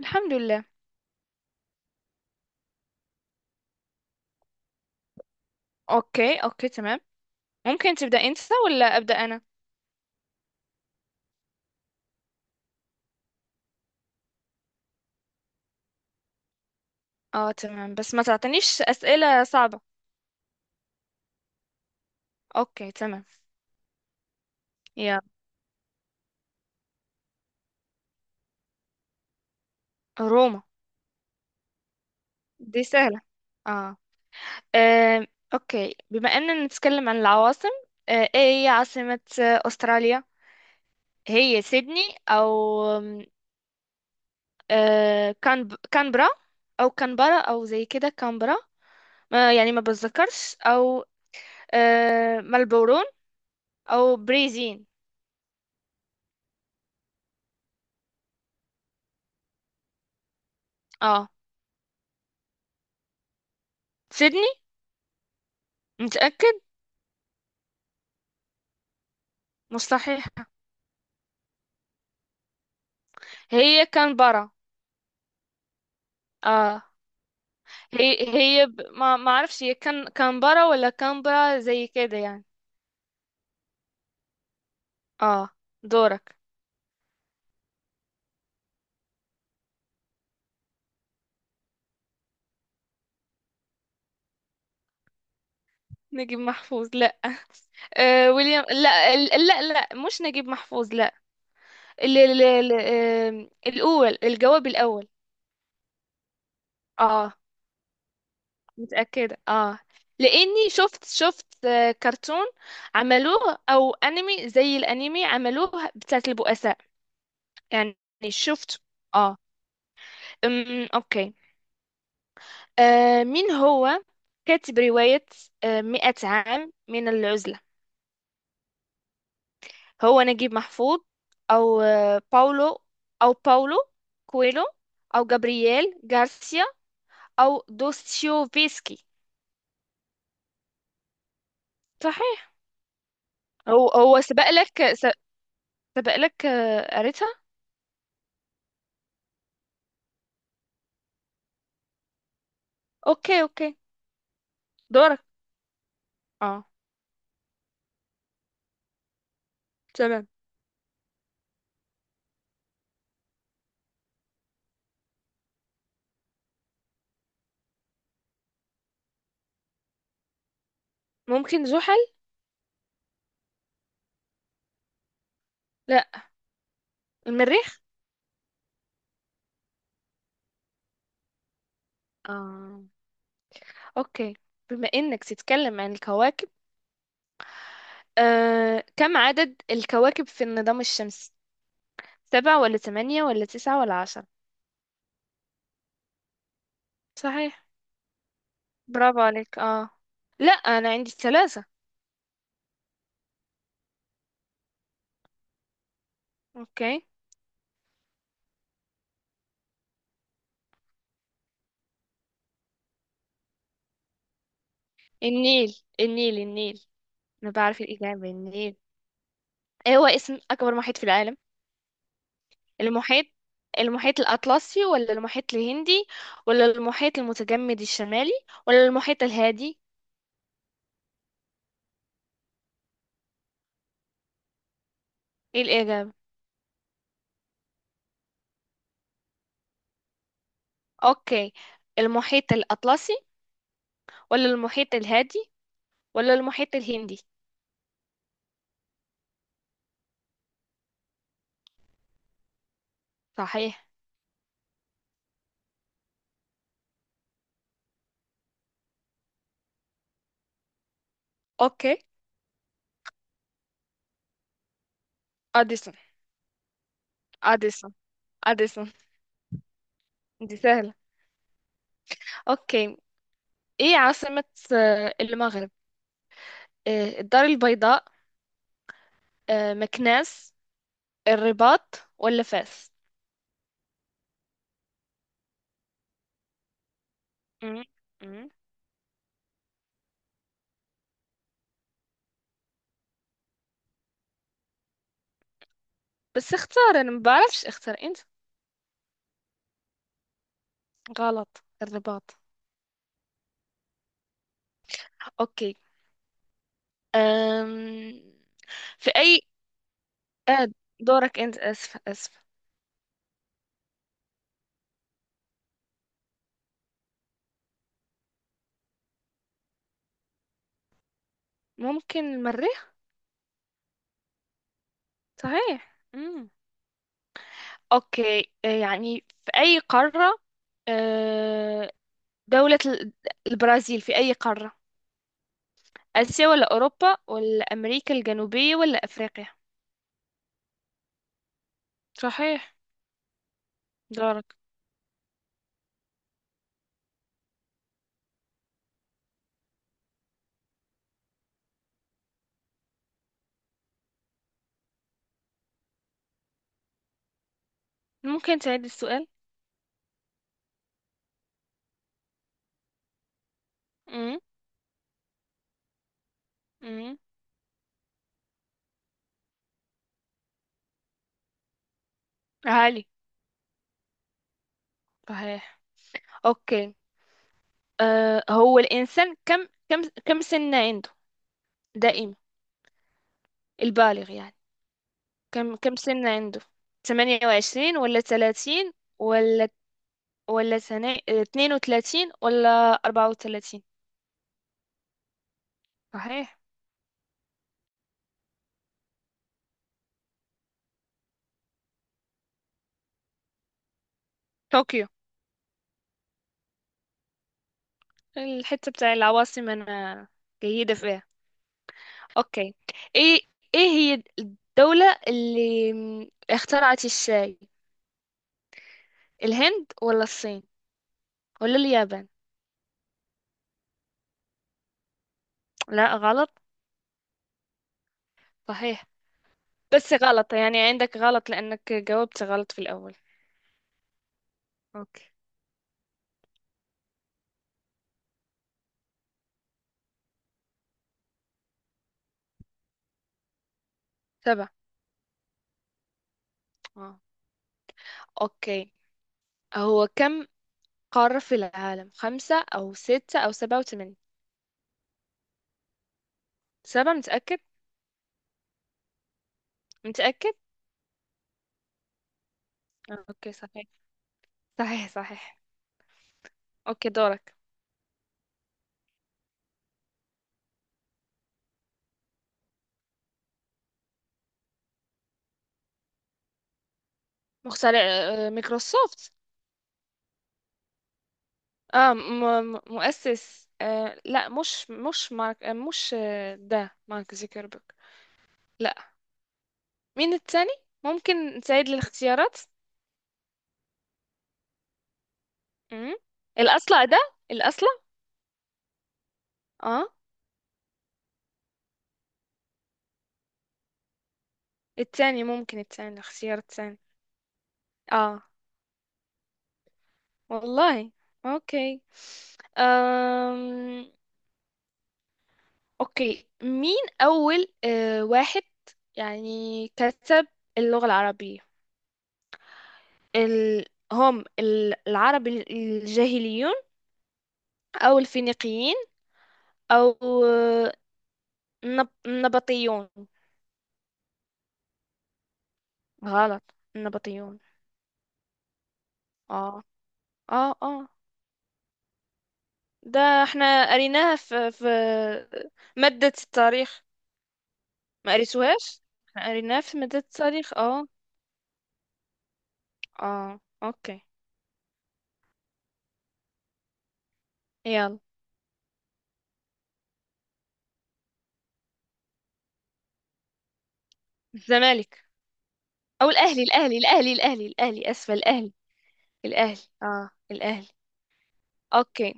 الحمد لله. اوكي اوكي، تمام. ممكن تبدأ انت ولا أبدأ انا؟ اه تمام، بس ما تعطينيش أسئلة صعبة. اوكي تمام. يا. روما. دي سهلة. اه. آم، اوكي، بما اننا نتكلم عن العواصم، ايه هي عاصمة استراليا؟ هي سيدني، او كانبرا، او كانبرا، او زي كده كانبرا، ما يعني ما بتذكرش. او ملبورون او بريزين. اه. سيدني؟ متأكد؟ مستحيل. هي كانبرا. اه. هي هي ما ما اعرفش، هي كانبرا ولا كانبرا زي كده يعني. اه، دورك. نجيب محفوظ؟ لا. ويليام؟ لا، لا لا، مش نجيب محفوظ. لا. ال... ال... ال... آم، الاول، الجواب الاول. اه، متأكدة، اه. لاني شفت كرتون عملوه، او انمي زي الانمي عملوه، بتاعت البؤساء، يعني، شفت. اه. اوكي. مين هو كاتب رواية مئة عام من العزلة؟ هو نجيب محفوظ، أو باولو، أو باولو كويلو، أو جابرييل غارسيا، أو دوستويفسكي. صحيح. هو هو سبق لك قريتها. أوكي أوكي. دورك. اه تمام. ممكن زحل. لا. المريخ. اه. أوكي، بما إنك تتكلم عن الكواكب، كم عدد الكواكب في النظام الشمسي؟ سبعة ولا تمانية ولا تسعة ولا عشرة؟ صحيح. برافو عليك، اه. لا، انا عندي الثلاثة. اوكي. النيل النيل النيل. انا بعرف الاجابة، النيل. ايه هو اسم اكبر محيط في العالم؟ المحيط المحيط الاطلسي ولا المحيط الهندي ولا المحيط المتجمد الشمالي ولا المحيط الهادي؟ ايه الاجابة؟ اوكي، المحيط الاطلسي ولا المحيط الهادي ولا المحيط الهندي. صحيح. اوكي. اديسون اديسون اديسون. دي سهلة. اوكي. ايه عاصمة المغرب؟ الدار البيضاء، مكناس، الرباط، ولا فاس؟ مم. مم. بس اختار انا، ما بعرفش، اختار انت. غلط، الرباط. اوكي. أم... في اي آه، دورك انت، اسفة اسفة. ممكن المريخ. صحيح. مم. اوكي، يعني في اي قارة، آه، دولة ال- البرازيل في اي قارة؟ اسيا ولا اوروبا ولا امريكا الجنوبية ولا افريقيا؟ صحيح. دورك. ممكن تعيد السؤال. امم امم عالي. صحيح. اوكي. هو الانسان كم سنة عنده؟ دائما، البالغ يعني. كم سنة عنده؟ 28 ولا 30 ولا ولا سنة 32 ولا 34؟ صحيح. طوكيو. الحتة بتاع العواصم انا جيدة فيها. اوكي. ايه ايه هي الدولة اللي اخترعت الشاي؟ الهند ولا الصين ولا اليابان؟ لا غلط. صحيح. بس غلط، يعني عندك غلط، لأنك جاوبت غلط في الأول. اوكي. سبعة. اه. اوكي. هو كم قارة في العالم؟ خمسة أو ستة أو سبعة وثمانية؟ سبعة، متأكد؟ متأكد. اوكي. صحيح صحيح صحيح. اوكي، دورك. مخترع مايكروسوفت. اه، م م مؤسس. لا، مش مارك، مش، ده مارك زوكربيرج. لا. مين التاني؟ ممكن نساعد للاختيارات. امم الأصلع ده، الأصلع. اه. ممكن الاختيار التاني. اه. والله. اوكي. أم... اوكي، مين أول واحد يعني كتب اللغة العربية؟ ال... هم العرب الجاهليون، أو الفينيقيين، أو آه، النبطيون؟ غلط، النبطيون. اه اه اه. ده احنا قريناها في مادة التاريخ. ما قريتوهاش؟ احنا قريناها في مادة التاريخ، اه. اه. اوكي. يلا. الزمالك. او الاهلي الاهلي الاهلي الاهلي الاهلي، اسفة، الاهلي. الاهلي، اه، الاهلي. اوكي.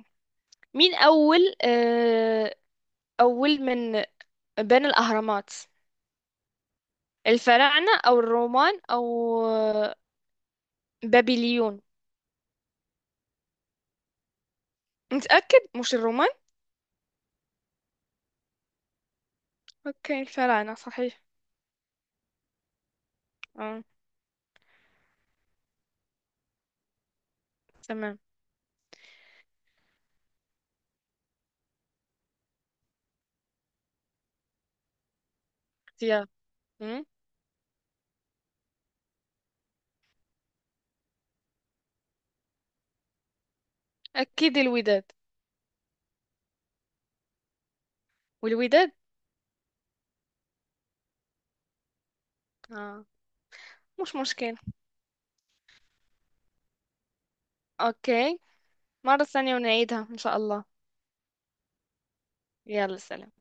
مين اول اول من بنى الاهرامات؟ الفراعنة او الرومان او آه، بابليون؟ متأكد؟ مش الرومان. اوكي، الفراعنة. صحيح. اه تمام. يلا. أكيد الوداد. والوداد. آه. مش مشكلة. أوكي. مرة ثانية ونعيدها إن شاء الله. يلا سلام.